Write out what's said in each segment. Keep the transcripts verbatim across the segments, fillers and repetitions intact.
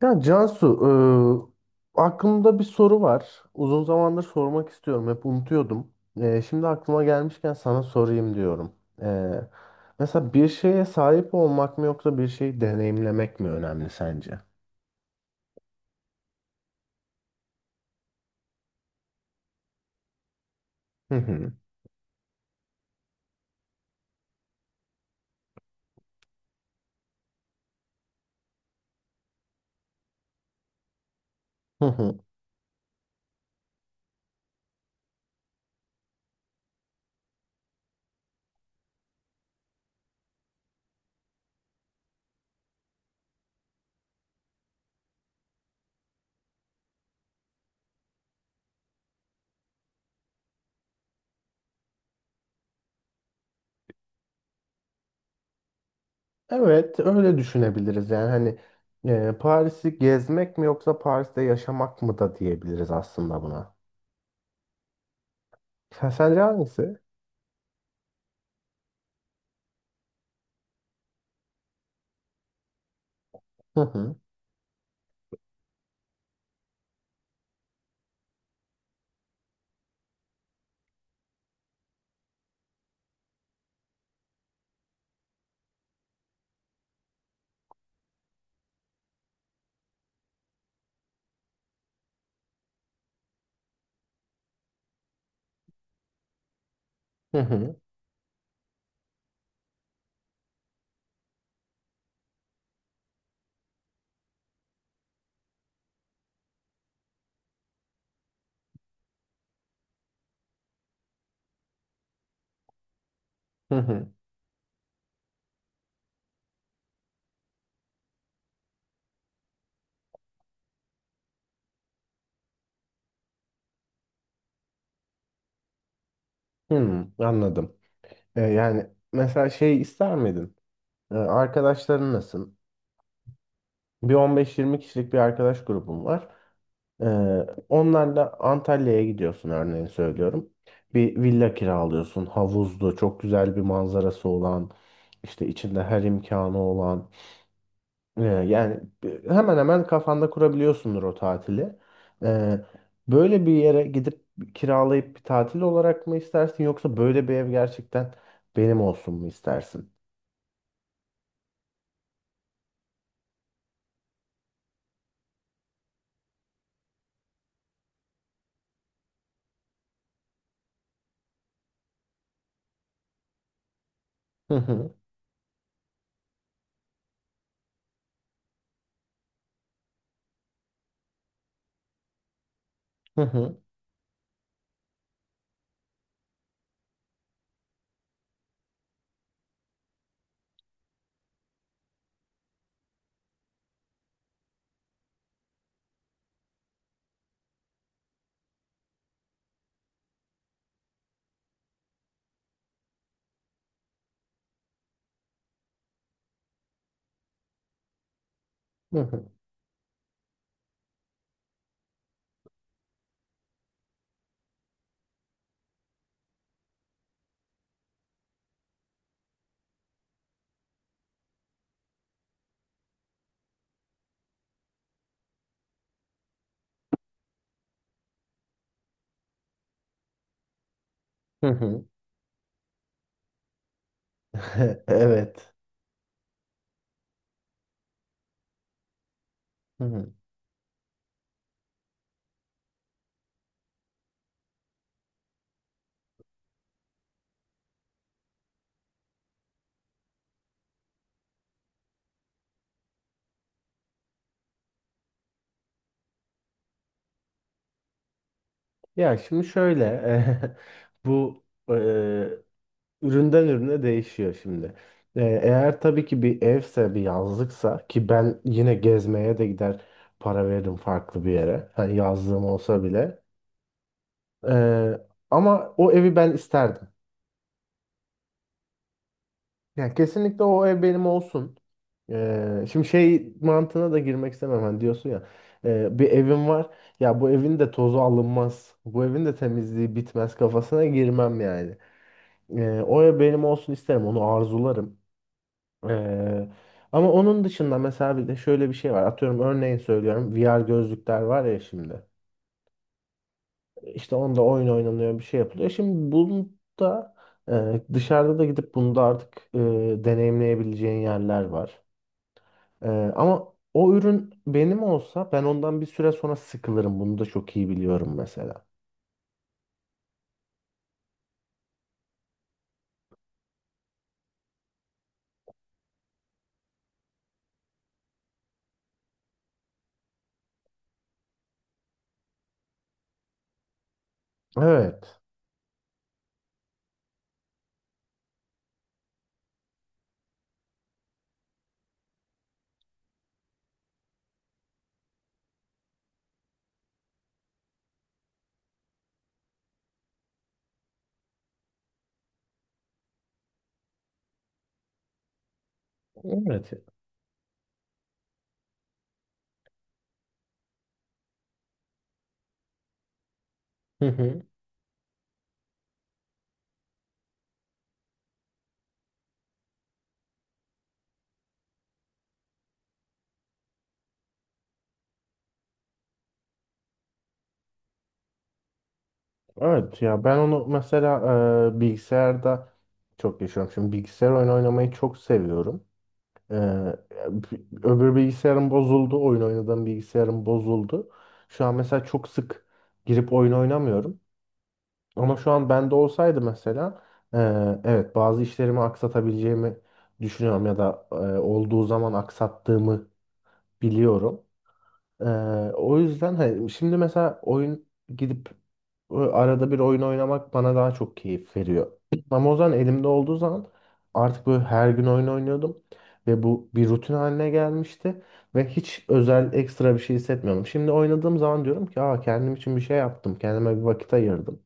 Ya Cansu, e, aklımda bir soru var. Uzun zamandır sormak istiyorum. Hep unutuyordum. E, şimdi aklıma gelmişken sana sorayım diyorum. E, Mesela bir şeye sahip olmak mı yoksa bir şeyi deneyimlemek mi önemli sence? Hı hı. Hı hı. Evet, öyle düşünebiliriz. Yani hani e, Paris'i gezmek mi yoksa Paris'te yaşamak mı da diyebiliriz aslında buna. Sen, sence hangisi? Hı hı. Hı hı. Hı hı. Hı, anladım. E, yani mesela şey ister miydin? E, arkadaşların nasıl? Bir on beş yirmi kişilik bir arkadaş grubum var. E, Onlarla Antalya'ya gidiyorsun örneğin söylüyorum. Bir villa kiralıyorsun. Havuzlu, çok güzel bir manzarası olan, işte içinde her imkanı olan. E, yani hemen hemen kafanda kurabiliyorsundur o tatili. E, Böyle bir yere gidip kiralayıp bir tatil olarak mı istersin yoksa böyle bir ev gerçekten benim olsun mu istersin? Hı hı. Hı hı. Hı hı. Evet. Hı hı. Ya şimdi şöyle bu e, üründen ürüne değişiyor şimdi. E, eğer tabii ki bir evse bir yazlıksa ki ben yine gezmeye de gider para veririm farklı bir yere. Hani yazlığım olsa bile. E, Ama o evi ben isterdim. Yani kesinlikle o ev benim olsun. Ee, şimdi şey mantığına da girmek istemem. Hani diyorsun ya e, bir evim var. Ya bu evin de tozu alınmaz. Bu evin de temizliği bitmez kafasına girmem yani. Ee, o ev benim olsun isterim. Onu arzularım. Ee, Ama onun dışında mesela bir de şöyle bir şey var. Atıyorum örneğin söylüyorum. V R gözlükler var ya şimdi. İşte onda oyun oynanıyor bir şey yapılıyor. Şimdi bunu da e, dışarıda da gidip bunu da artık e, deneyimleyebileceğin yerler var. Ee, Ama o ürün benim olsa ben ondan bir süre sonra sıkılırım. Bunu da çok iyi biliyorum mesela. Evet. Evet. Hı hı. Evet ya ben onu mesela e, bilgisayarda çok yaşıyorum. Şimdi bilgisayar oyunu oynamayı çok seviyorum. Ee, Öbür bilgisayarım bozuldu. Oyun oynadığım bilgisayarım bozuldu. Şu an mesela çok sık girip oyun oynamıyorum. Ama şu an bende olsaydı mesela eee, evet bazı işlerimi aksatabileceğimi düşünüyorum ya da eee, olduğu zaman aksattığımı biliyorum. Eee, O yüzden hani şimdi mesela oyun gidip e, arada bir oyun oynamak bana daha çok keyif veriyor. Ama o zaman elimde olduğu zaman artık böyle her gün oyun oynuyordum ve bu bir rutin haline gelmişti ve hiç özel ekstra bir şey hissetmiyorum. Şimdi oynadığım zaman diyorum ki Aa, kendim için bir şey yaptım, kendime bir vakit ayırdım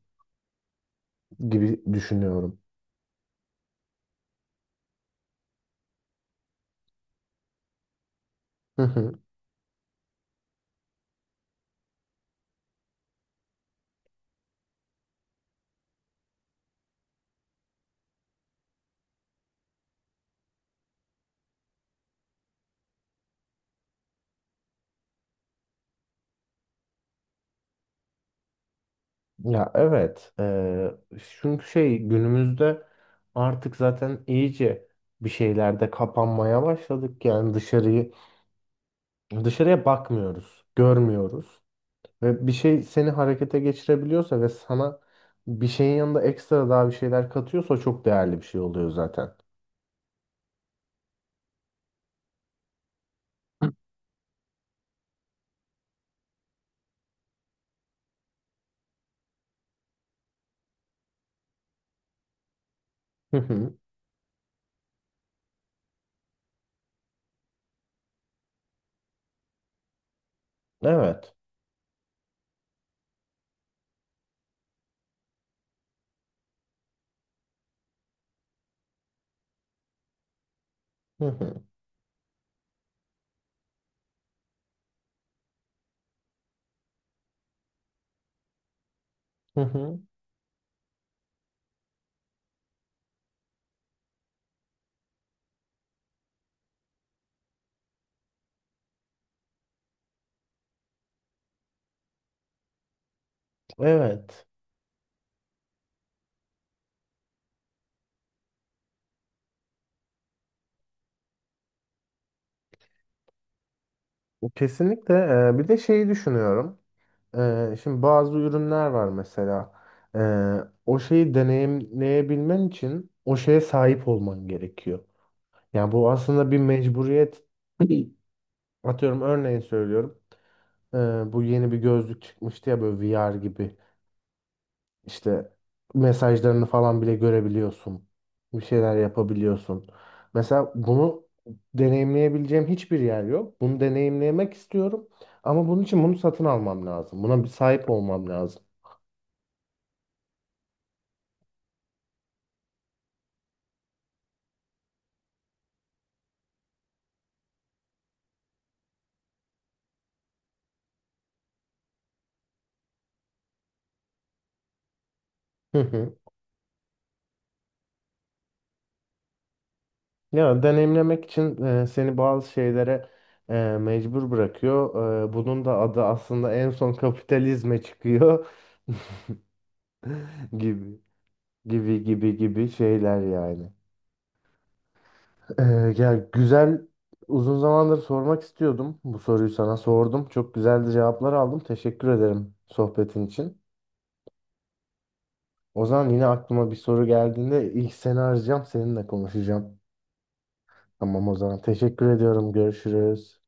gibi düşünüyorum. Hı hı. Ya evet. Eee, çünkü şey günümüzde artık zaten iyice bir şeylerde kapanmaya başladık. Yani dışarıyı dışarıya bakmıyoruz, görmüyoruz. Ve bir şey seni harekete geçirebiliyorsa ve sana bir şeyin yanında ekstra daha bir şeyler katıyorsa çok değerli bir şey oluyor zaten. Hı hı. Evet. Hı hı. Hı hı. Evet. Kesinlikle. Eee, bir de şeyi düşünüyorum. Ee, şimdi bazı ürünler var mesela. Ee, O şeyi deneyimleyebilmen için o şeye sahip olman gerekiyor. Yani bu aslında bir mecburiyet. Atıyorum örneğin söylüyorum. Ee, Bu yeni bir gözlük çıkmıştı ya böyle V R gibi. İşte mesajlarını falan bile görebiliyorsun. Bir şeyler yapabiliyorsun. Mesela bunu deneyimleyebileceğim hiçbir yer yok. Bunu deneyimlemek istiyorum. Ama bunun için bunu satın almam lazım. Buna bir sahip olmam lazım. Ya deneyimlemek için e, seni bazı şeylere e, mecbur bırakıyor. E, bunun da adı aslında en son kapitalizme çıkıyor gibi gibi gibi gibi şeyler yani. E, Ya güzel uzun zamandır sormak istiyordum. Bu soruyu sana sordum. Çok güzel de cevaplar aldım. Teşekkür ederim sohbetin için. O zaman yine aklıma bir soru geldiğinde ilk seni arayacağım, seninle konuşacağım. Tamam o zaman. Teşekkür ediyorum. Görüşürüz.